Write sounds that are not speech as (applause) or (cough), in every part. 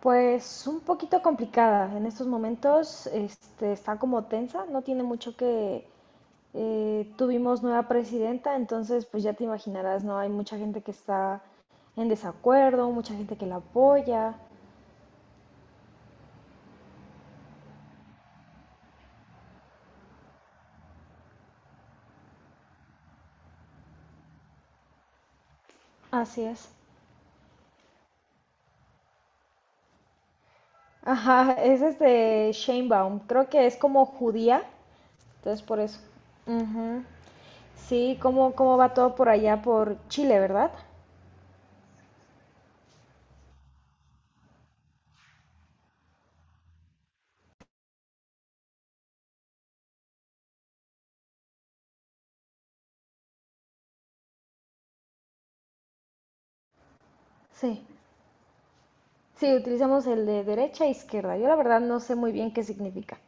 Pues un poquito complicada. En estos momentos está como tensa, no tiene mucho que tuvimos nueva presidenta, entonces pues ya te imaginarás, ¿no? Hay mucha gente que está en desacuerdo, mucha gente que la apoya. Así es. Ajá, (laughs) es Sheinbaum, creo que es como judía, entonces por eso. Ujú. Sí, ¿cómo va todo por allá por Chile, verdad? Sí. Sí, utilizamos el de derecha e izquierda. Yo la verdad no sé muy bien qué significa.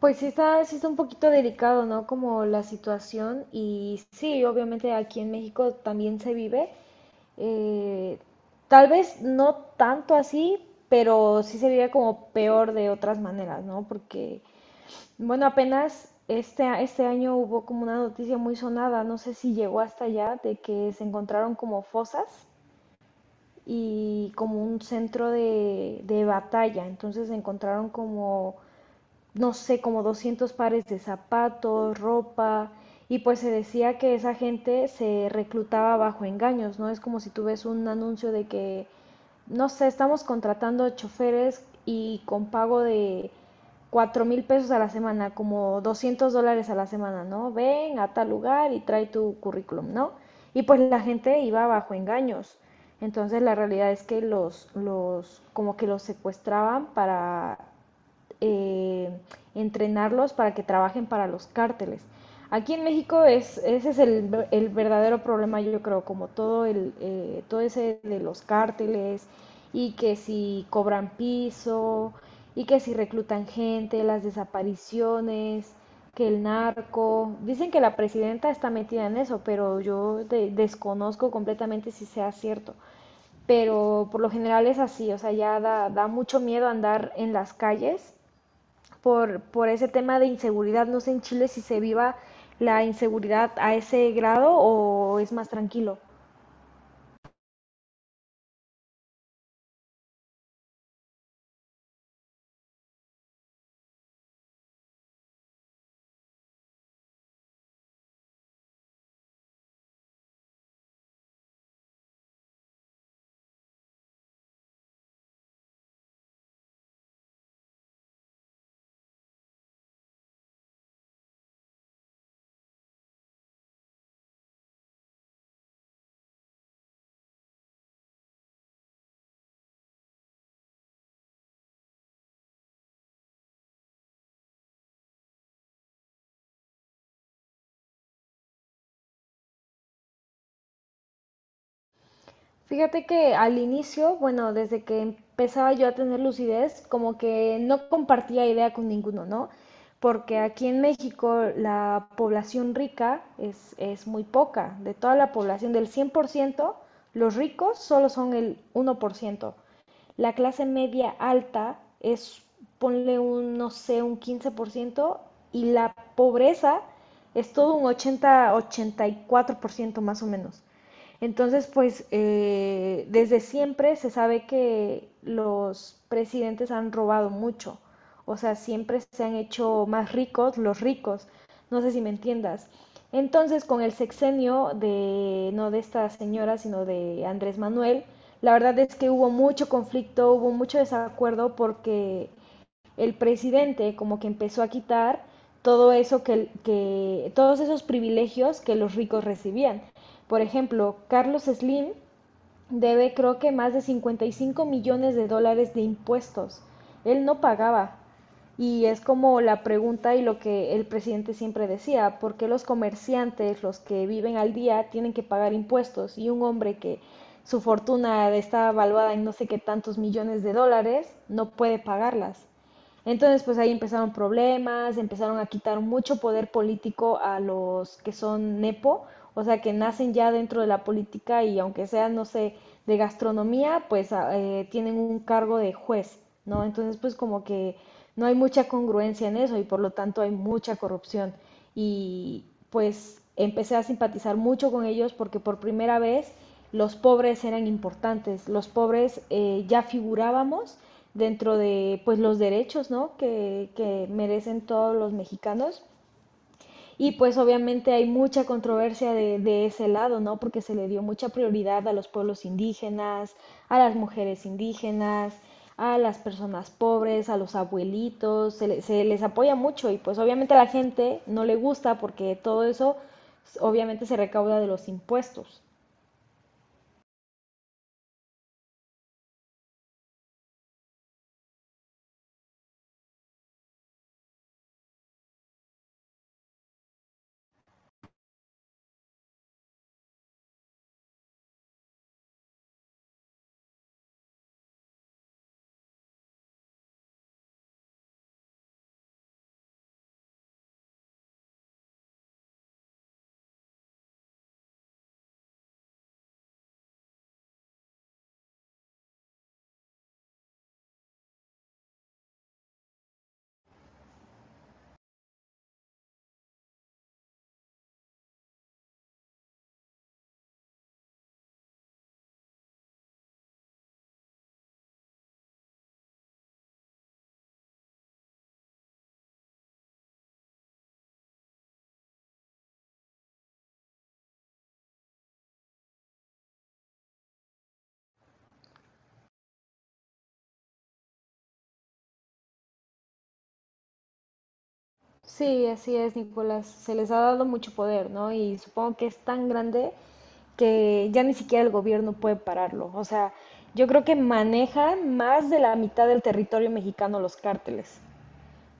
Pues sí está un poquito delicado, ¿no? Como la situación y sí, obviamente aquí en México también se vive. eh, Tal vez no tanto así, pero sí se vive como peor de otras maneras, ¿no? Porque, bueno, apenas este año hubo como una noticia muy sonada, no sé si llegó hasta allá, de que se encontraron como fosas y como un centro de batalla. Entonces encontraron como no sé, como 200 pares de zapatos, ropa, y pues se decía que esa gente se reclutaba bajo engaños, ¿no? Es como si tú ves un anuncio de que, no sé, estamos contratando choferes y con pago de 4,000 pesos a la semana, como $200 a la semana, ¿no? Ven a tal lugar y trae tu currículum, ¿no? Y pues la gente iba bajo engaños. Entonces la realidad es que como que los secuestraban para eh, entrenarlos para que trabajen para los cárteles. Aquí en México ese es el verdadero problema, yo creo, como todo, todo ese de los cárteles y que si cobran piso y que si reclutan gente, las desapariciones, que el narco. Dicen que la presidenta está metida en eso, pero yo desconozco completamente si sea cierto. Pero por lo general es así, o sea, ya da mucho miedo andar en las calles por ese tema de inseguridad. No sé en Chile si se viva la inseguridad a ese grado o es más tranquilo. Fíjate que al inicio, bueno, desde que empezaba yo a tener lucidez, como que no compartía idea con ninguno, ¿no? Porque aquí en México la población rica es muy poca. De toda la población, del 100%, los ricos solo son el 1%. La clase media alta es, ponle un, no sé, un 15%, y la pobreza es todo un 80-84% más o menos. Entonces, pues desde siempre se sabe que los presidentes han robado mucho, o sea, siempre se han hecho más ricos los ricos, no sé si me entiendas. Entonces, con el sexenio de, no de esta señora, sino de Andrés Manuel, la verdad es que hubo mucho conflicto, hubo mucho desacuerdo porque el presidente como que empezó a quitar todo eso que todos esos privilegios que los ricos recibían. Por ejemplo, Carlos Slim debe creo que más de 55 millones de dólares de impuestos. Él no pagaba. Y es como la pregunta y lo que el presidente siempre decía, ¿por qué los comerciantes, los que viven al día, tienen que pagar impuestos? Y un hombre que su fortuna está valuada en no sé qué tantos millones de dólares, no puede pagarlas. Entonces, pues ahí empezaron problemas, empezaron a quitar mucho poder político a los que son nepo, o sea, que nacen ya dentro de la política y aunque sean, no sé, de gastronomía, pues tienen un cargo de juez, ¿no? Entonces, pues como que no hay mucha congruencia en eso y por lo tanto hay mucha corrupción. Y pues empecé a simpatizar mucho con ellos porque por primera vez los pobres eran importantes, los pobres ya figurábamos dentro de pues los derechos, ¿no? Que merecen todos los mexicanos. Y pues obviamente hay mucha controversia ese lado, ¿no? Porque se le dio mucha prioridad a los pueblos indígenas, a las mujeres indígenas, a las personas pobres, a los abuelitos, se les apoya mucho y pues obviamente a la gente no le gusta porque todo eso obviamente se recauda de los impuestos. Sí, así es, Nicolás. Se les ha dado mucho poder, ¿no? Y supongo que es tan grande que ya ni siquiera el gobierno puede pararlo. O sea, yo creo que manejan más de la mitad del territorio mexicano los cárteles.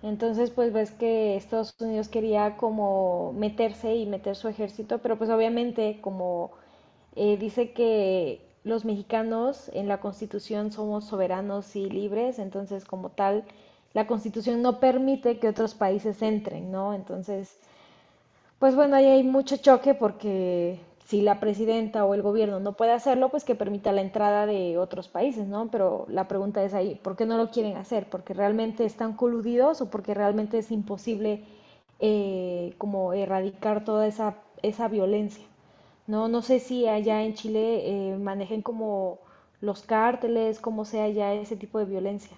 Entonces, pues ves que Estados Unidos quería como meterse y meter su ejército, pero pues obviamente como dice que los mexicanos en la Constitución somos soberanos y libres, entonces como tal, la Constitución no permite que otros países entren, ¿no? Entonces, pues bueno, ahí hay mucho choque porque si la presidenta o el gobierno no puede hacerlo, pues que permita la entrada de otros países, ¿no? Pero la pregunta es ahí, ¿por qué no lo quieren hacer? ¿Porque realmente están coludidos o porque realmente es imposible como erradicar toda esa violencia? No, no sé si allá en Chile manejen como los cárteles, cómo sea ya ese tipo de violencia.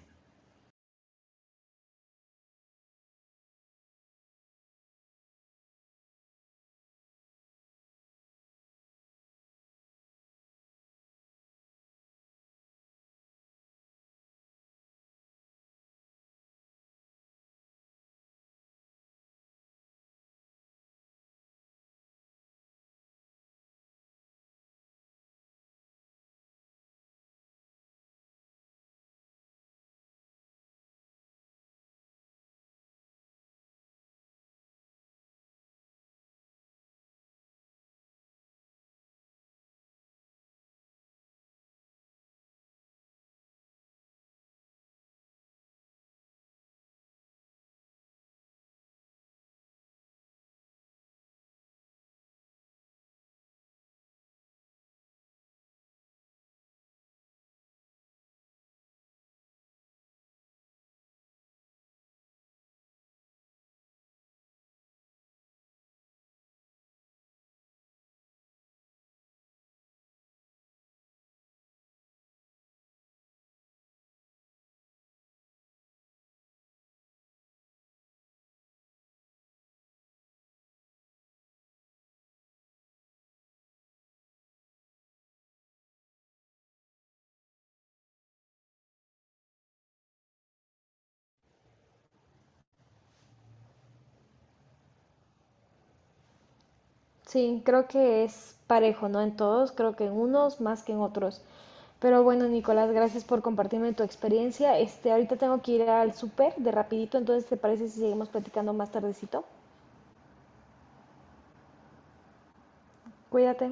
Sí, creo que es parejo, ¿no? En todos, creo que en unos más que en otros. Pero bueno, Nicolás, gracias por compartirme tu experiencia. Este, ahorita tengo que ir al súper de rapidito, entonces ¿te parece si seguimos platicando más tardecito? Cuídate.